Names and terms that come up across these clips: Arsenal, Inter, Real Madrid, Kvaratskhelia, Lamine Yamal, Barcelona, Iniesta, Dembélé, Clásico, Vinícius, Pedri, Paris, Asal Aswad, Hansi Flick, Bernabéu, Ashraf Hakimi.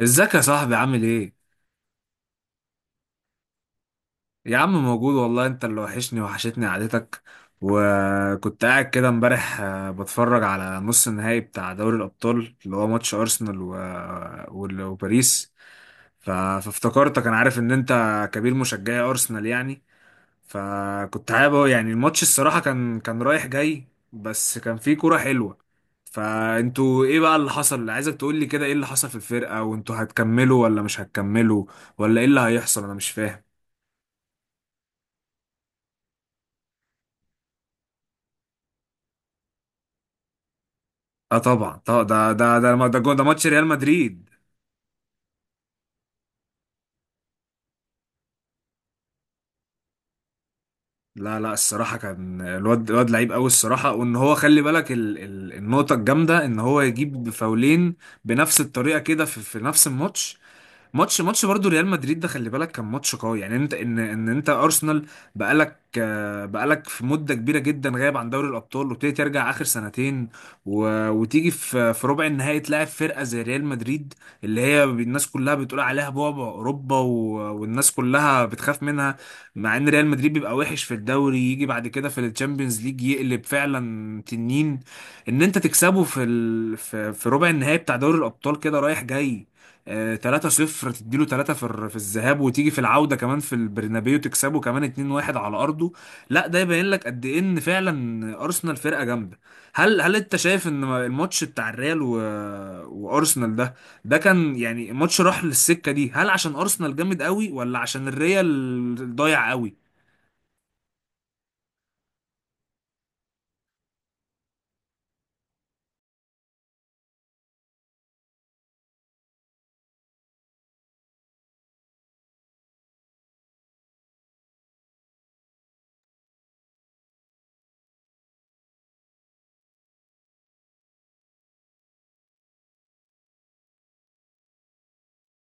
ازيك يا صاحبي عامل ايه؟ يا عم موجود والله، انت اللي وحشني وحشتني قعدتك. وكنت قاعد كده امبارح، بتفرج على نص النهائي بتاع دوري الأبطال اللي هو ماتش أرسنال وباريس. فافتكرتك، انا عارف ان انت كبير مشجعي أرسنال يعني. يعني الماتش الصراحة كان رايح جاي، بس كان فيه كورة حلوة. فانتوا ايه بقى اللي حصل؟ عايزك تقولي كده ايه اللي حصل في الفرقة، وانتوا هتكملوا ولا مش هتكملوا؟ ولا ايه اللي هيحصل، انا مش فاهم. اه طبعا طبعا، ده جون، ده ماتش ريال مدريد. لا لا، الصراحه كان الواد لعيب قوي الصراحه. وان هو خلي بالك ال النقطه الجامده ان هو يجيب فاولين بنفس الطريقه كده في نفس الماتش. ماتش برضو ريال مدريد ده، خلي بالك كان ماتش قوي. يعني انت ان انت ارسنال بقالك، بقالك في مده كبيره جدا غايب عن دوري الابطال، وابتدي ترجع اخر سنتين، وتيجي في ربع النهائي تلاعب فرقه زي ريال مدريد، اللي هي الناس كلها بتقول عليها بعبع اوروبا، والناس كلها بتخاف منها. مع ان ريال مدريد بيبقى وحش في الدوري، يجي بعد كده في الشامبيونز ليج يقلب فعلا تنين. ان انت تكسبه في ربع النهائي بتاع دوري الابطال كده رايح جاي، آه، 3-0 تديله 3 في الذهاب، وتيجي في العودة كمان في البرنابيو تكسبه كمان 2-1 على أرضه. لا ده يبين لك قد إيه إن فعلا أرسنال فرقة جامدة. هل أنت شايف إن الماتش بتاع الريال وأرسنال ده، ده كان يعني ماتش راح للسكة دي، هل عشان أرسنال جامد قوي ولا عشان الريال ضايع قوي؟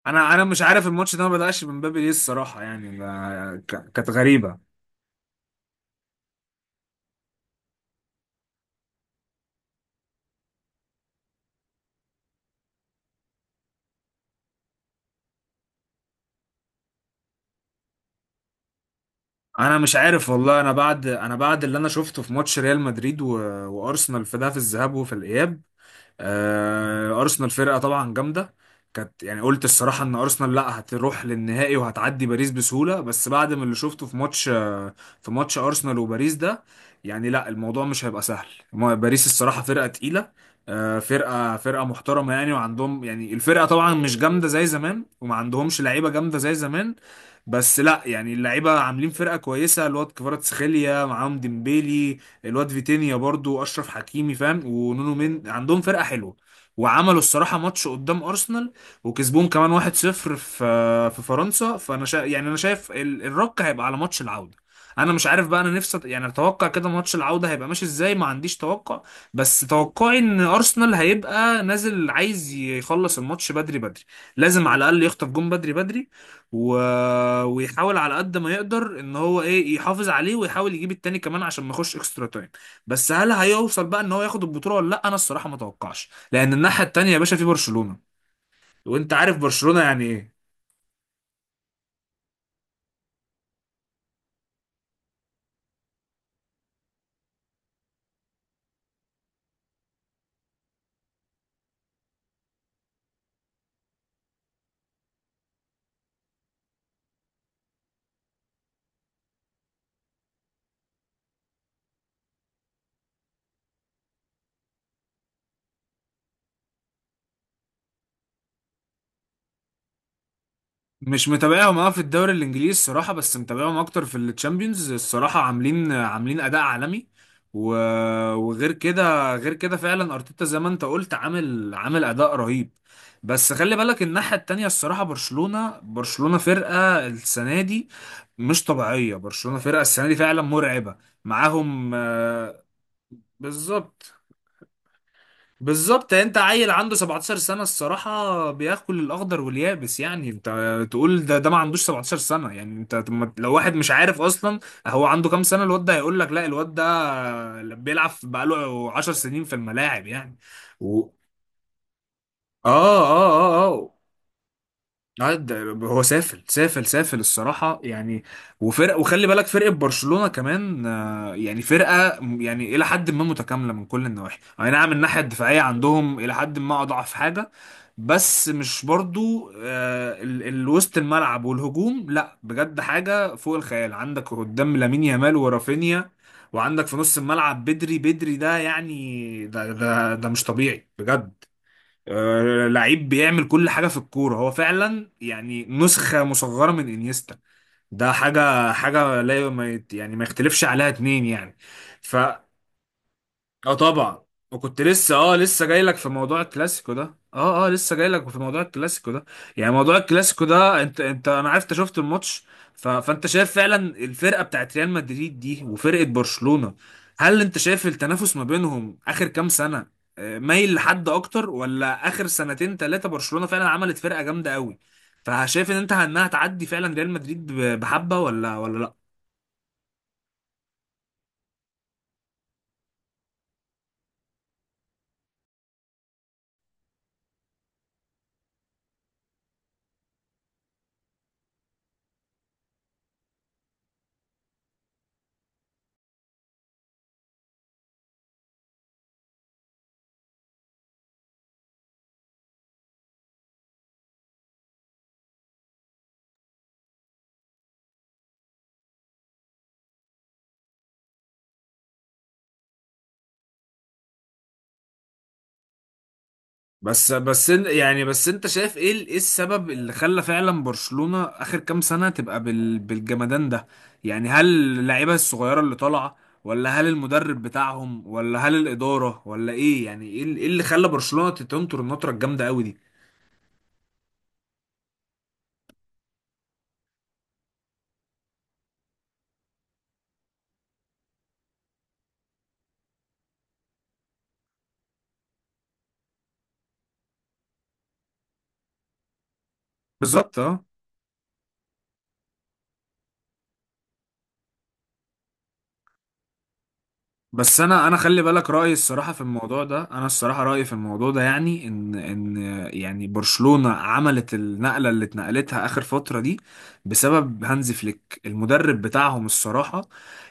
أنا مش عارف الماتش ده ما بدأش من باب إيه الصراحة، يعني ده كانت غريبة. انا مش عارف والله، انا بعد اللي انا شفته في ماتش ريال مدريد وارسنال في ده، في الذهاب وفي الاياب، ارسنال فرقه طبعا جامده. كانت يعني قلت الصراحه ان ارسنال لا هتروح للنهائي وهتعدي باريس بسهوله، بس بعد ما اللي شفته في ماتش، في ماتش ارسنال وباريس ده، يعني لا، الموضوع مش هيبقى سهل. باريس الصراحه فرقه تقيله، فرقه محترمه يعني. وعندهم يعني الفرقه طبعا مش جامده زي زمان، وما عندهمش لعيبه جامده زي زمان. بس لا، يعني اللعيبه عاملين فرقه كويسه. الواد كفاراتسخيليا، معاهم ديمبيلي، الواد فيتينيا برضو، اشرف حكيمي فاهم، ونونو مين. عندهم فرقه حلوه، وعملوا الصراحه ماتش قدام ارسنال، وكسبوهم كمان 1-0 في فرنسا. يعني انا شايف الرك هيبقى على ماتش العوده. انا مش عارف بقى، انا نفسي، يعني اتوقع كده ماتش العوده هيبقى ماشي ازاي، ما عنديش توقع. بس توقعي ان ارسنال هيبقى نازل عايز يخلص الماتش بدري بدري. لازم على الاقل يخطف جون بدري بدري، و... ويحاول على قد ما يقدر ان هو ايه يحافظ عليه، ويحاول يجيب التاني كمان عشان ما يخش اكسترا تايم. بس هل هيوصل بقى ان هو ياخد البطوله ولا لا؟ انا الصراحه ما اتوقعش، لان الناحيه التانيه يا باشا في برشلونه، وانت عارف برشلونه يعني ايه. مش متابعهم اه في الدوري الانجليزي الصراحه، بس متابعهم اكتر في التشامبيونز الصراحه. عاملين اداء عالمي، و... وغير كده غير كده فعلا ارتيتا زي ما انت قلت عامل اداء رهيب. بس خلي بالك الناحيه التانيه الصراحه، برشلونه فرقه السنه دي مش طبيعيه. برشلونه فرقه السنه دي فعلا مرعبه، معاهم، بالظبط. بالظبط، يعني انت عيل عنده 17 سنة الصراحة، بياكل الأخضر واليابس. يعني انت تقول ده ما عندوش 17 سنة، يعني انت طب لو واحد مش عارف أصلا هو عنده كام سنة، الواد ده هيقول لك لا، الواد ده بيلعب بقاله 10 سنين في الملاعب يعني. و... اه اه اه اه آه، ده- هو سافل سافل سافل الصراحة يعني. وفرق، وخلي بالك فرقة برشلونة كمان، يعني فرقة، يعني إلى حد ما متكاملة من كل النواحي. أي نعم الناحية الدفاعية عندهم إلى حد ما أضعف حاجة، بس مش برضو، وسط الملعب والهجوم، لا بجد حاجة فوق الخيال. عندك قدام لامين يامال ورافينيا، وعندك في نص الملعب بدري. بدري ده يعني ده مش طبيعي بجد. لعيب بيعمل كل حاجة في الكورة، هو فعلا يعني نسخة مصغرة من انيستا. ده حاجة، حاجة لا ي- ما يت- يعني ما يختلفش عليها اتنين يعني. ف اه طبعا. وكنت لسه، لسه جاي لك في موضوع الكلاسيكو ده. اه اه، لسه جاي لك في موضوع الكلاسيكو ده. يعني موضوع الكلاسيكو ده، انت انا عرفت شفت الماتش. فانت شايف فعلا الفرقه بتاعت ريال مدريد دي وفرقه برشلونه، هل انت شايف التنافس ما بينهم اخر كام سنه مايل لحد اكتر، ولا اخر سنتين ثلاثه برشلونه فعلا عملت فرقه جامده قوي؟ فشايف ان انت انها تعدي فعلا ريال مدريد، بحبه، ولا لا؟ بس يعني بس انت شايف ايه، ايه السبب اللي خلى فعلا برشلونة اخر كام سنة تبقى بالجمدان ده؟ يعني هل اللعيبة الصغيرة اللي طالعة، ولا هل المدرب بتاعهم، ولا هل الإدارة، ولا ايه؟ يعني ايه إيه اللي خلى برشلونة تنطر النطرة الجامدة قوي دي؟ بالظبط اه. بس انا خلي بالك رأيي الصراحة في الموضوع ده، انا الصراحة رأيي في الموضوع ده يعني ان يعني برشلونة عملت النقلة اللي اتنقلتها اخر فترة دي بسبب هانز فليك المدرب بتاعهم الصراحة.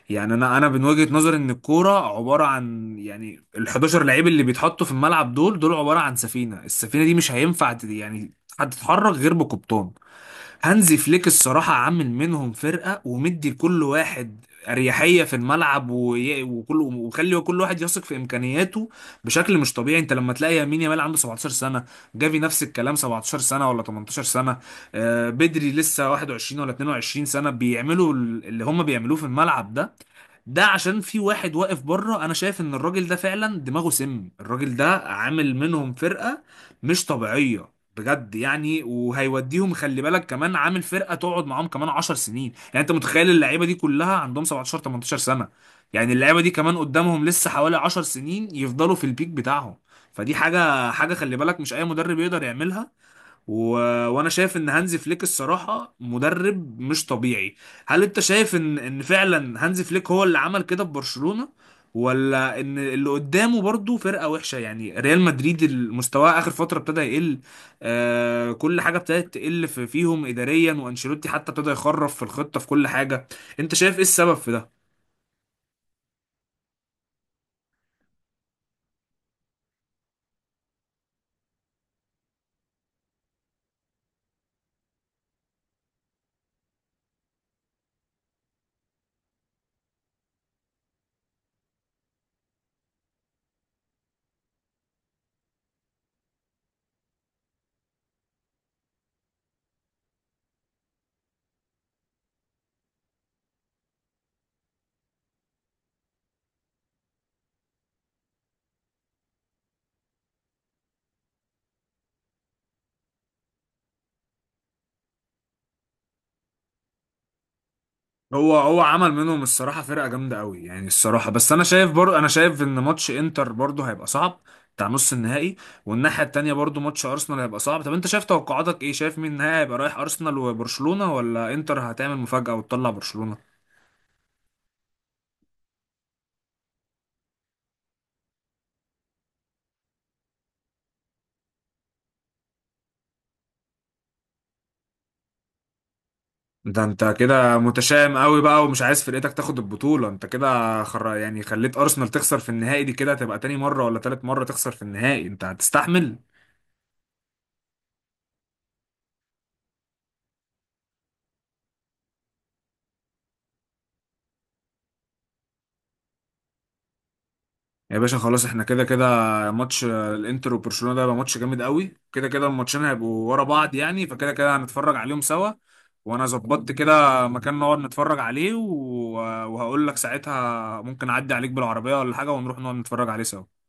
يعني انا من وجهة نظري ان الكوره عباره عن يعني ال 11 لعيب اللي بيتحطوا في الملعب، دول عباره عن سفينه. السفينه دي مش هينفع، يعني هتتحرك غير بقبطان. هانزي فليك الصراحه عامل منهم فرقه، ومدي لكل واحد اريحيه في الملعب، وي- وكل وخلي كل واحد يثق في امكانياته بشكل مش طبيعي. انت لما تلاقي يمين يامال عنده 17 سنه، جافي نفس الكلام، 17 سنه ولا 18 سنه، بدري لسه 21 ولا 22 سنه بيعملوا اللي هم بيعملوه في الملعب ده، ده عشان في واحد واقف بره. انا شايف ان الراجل ده فعلا دماغه سم، الراجل ده عامل منهم فرقة مش طبيعية بجد يعني. وهيوديهم، خلي بالك كمان عامل فرقة تقعد معاهم كمان 10 سنين. يعني انت متخيل اللعيبة دي كلها عندهم 17 18 سنة؟ يعني اللعيبة دي كمان قدامهم لسه حوالي 10 سنين يفضلوا في البيك بتاعهم. فدي حاجة، خلي بالك مش اي مدرب يقدر يعملها، و... وانا شايف ان هانزي فليك الصراحه مدرب مش طبيعي. هل انت شايف ان فعلا هانزي فليك هو اللي عمل كده في برشلونه، ولا ان اللي قدامه برضو فرقه وحشه، يعني ريال مدريد المستوى اخر فتره ابتدى يقل؟ آه كل حاجه ابتدت تقل في فيهم اداريا، وانشيلوتي حتى ابتدى يخرف في الخطه في كل حاجه. انت شايف ايه السبب في ده؟ هو عمل منهم الصراحة فرقة جامدة قوي يعني الصراحة. بس أنا شايف برضه أنا شايف إن ماتش إنتر برضه هيبقى صعب، بتاع نص النهائي. والناحية التانية برضه ماتش أرسنال هيبقى صعب. طب أنت شايف توقعاتك إيه؟ شايف مين النهائي هيبقى رايح أرسنال وبرشلونة، ولا إنتر هتعمل مفاجأة وتطلع برشلونة؟ ده أنت كده متشائم قوي بقى ومش عايز فرقتك تاخد البطولة. أنت كده، يعني خليت أرسنال تخسر في النهائي دي. كده هتبقى تاني مرة ولا تالت مرة تخسر في النهائي؟ أنت هتستحمل؟ يا باشا خلاص، احنا كده كده. ماتش، الانتر وبرشلونة ده هيبقى ماتش جامد قوي كده كده، الماتشين هيبقوا ورا بعض، يعني فكده كده هنتفرج عليهم سوا. وانا ظبطت كده مكان نقعد نتفرج عليه، وهقول لك ساعتها ممكن اعدي عليك بالعربية ولا حاجة، ونروح نقعد نتفرج عليه سوا.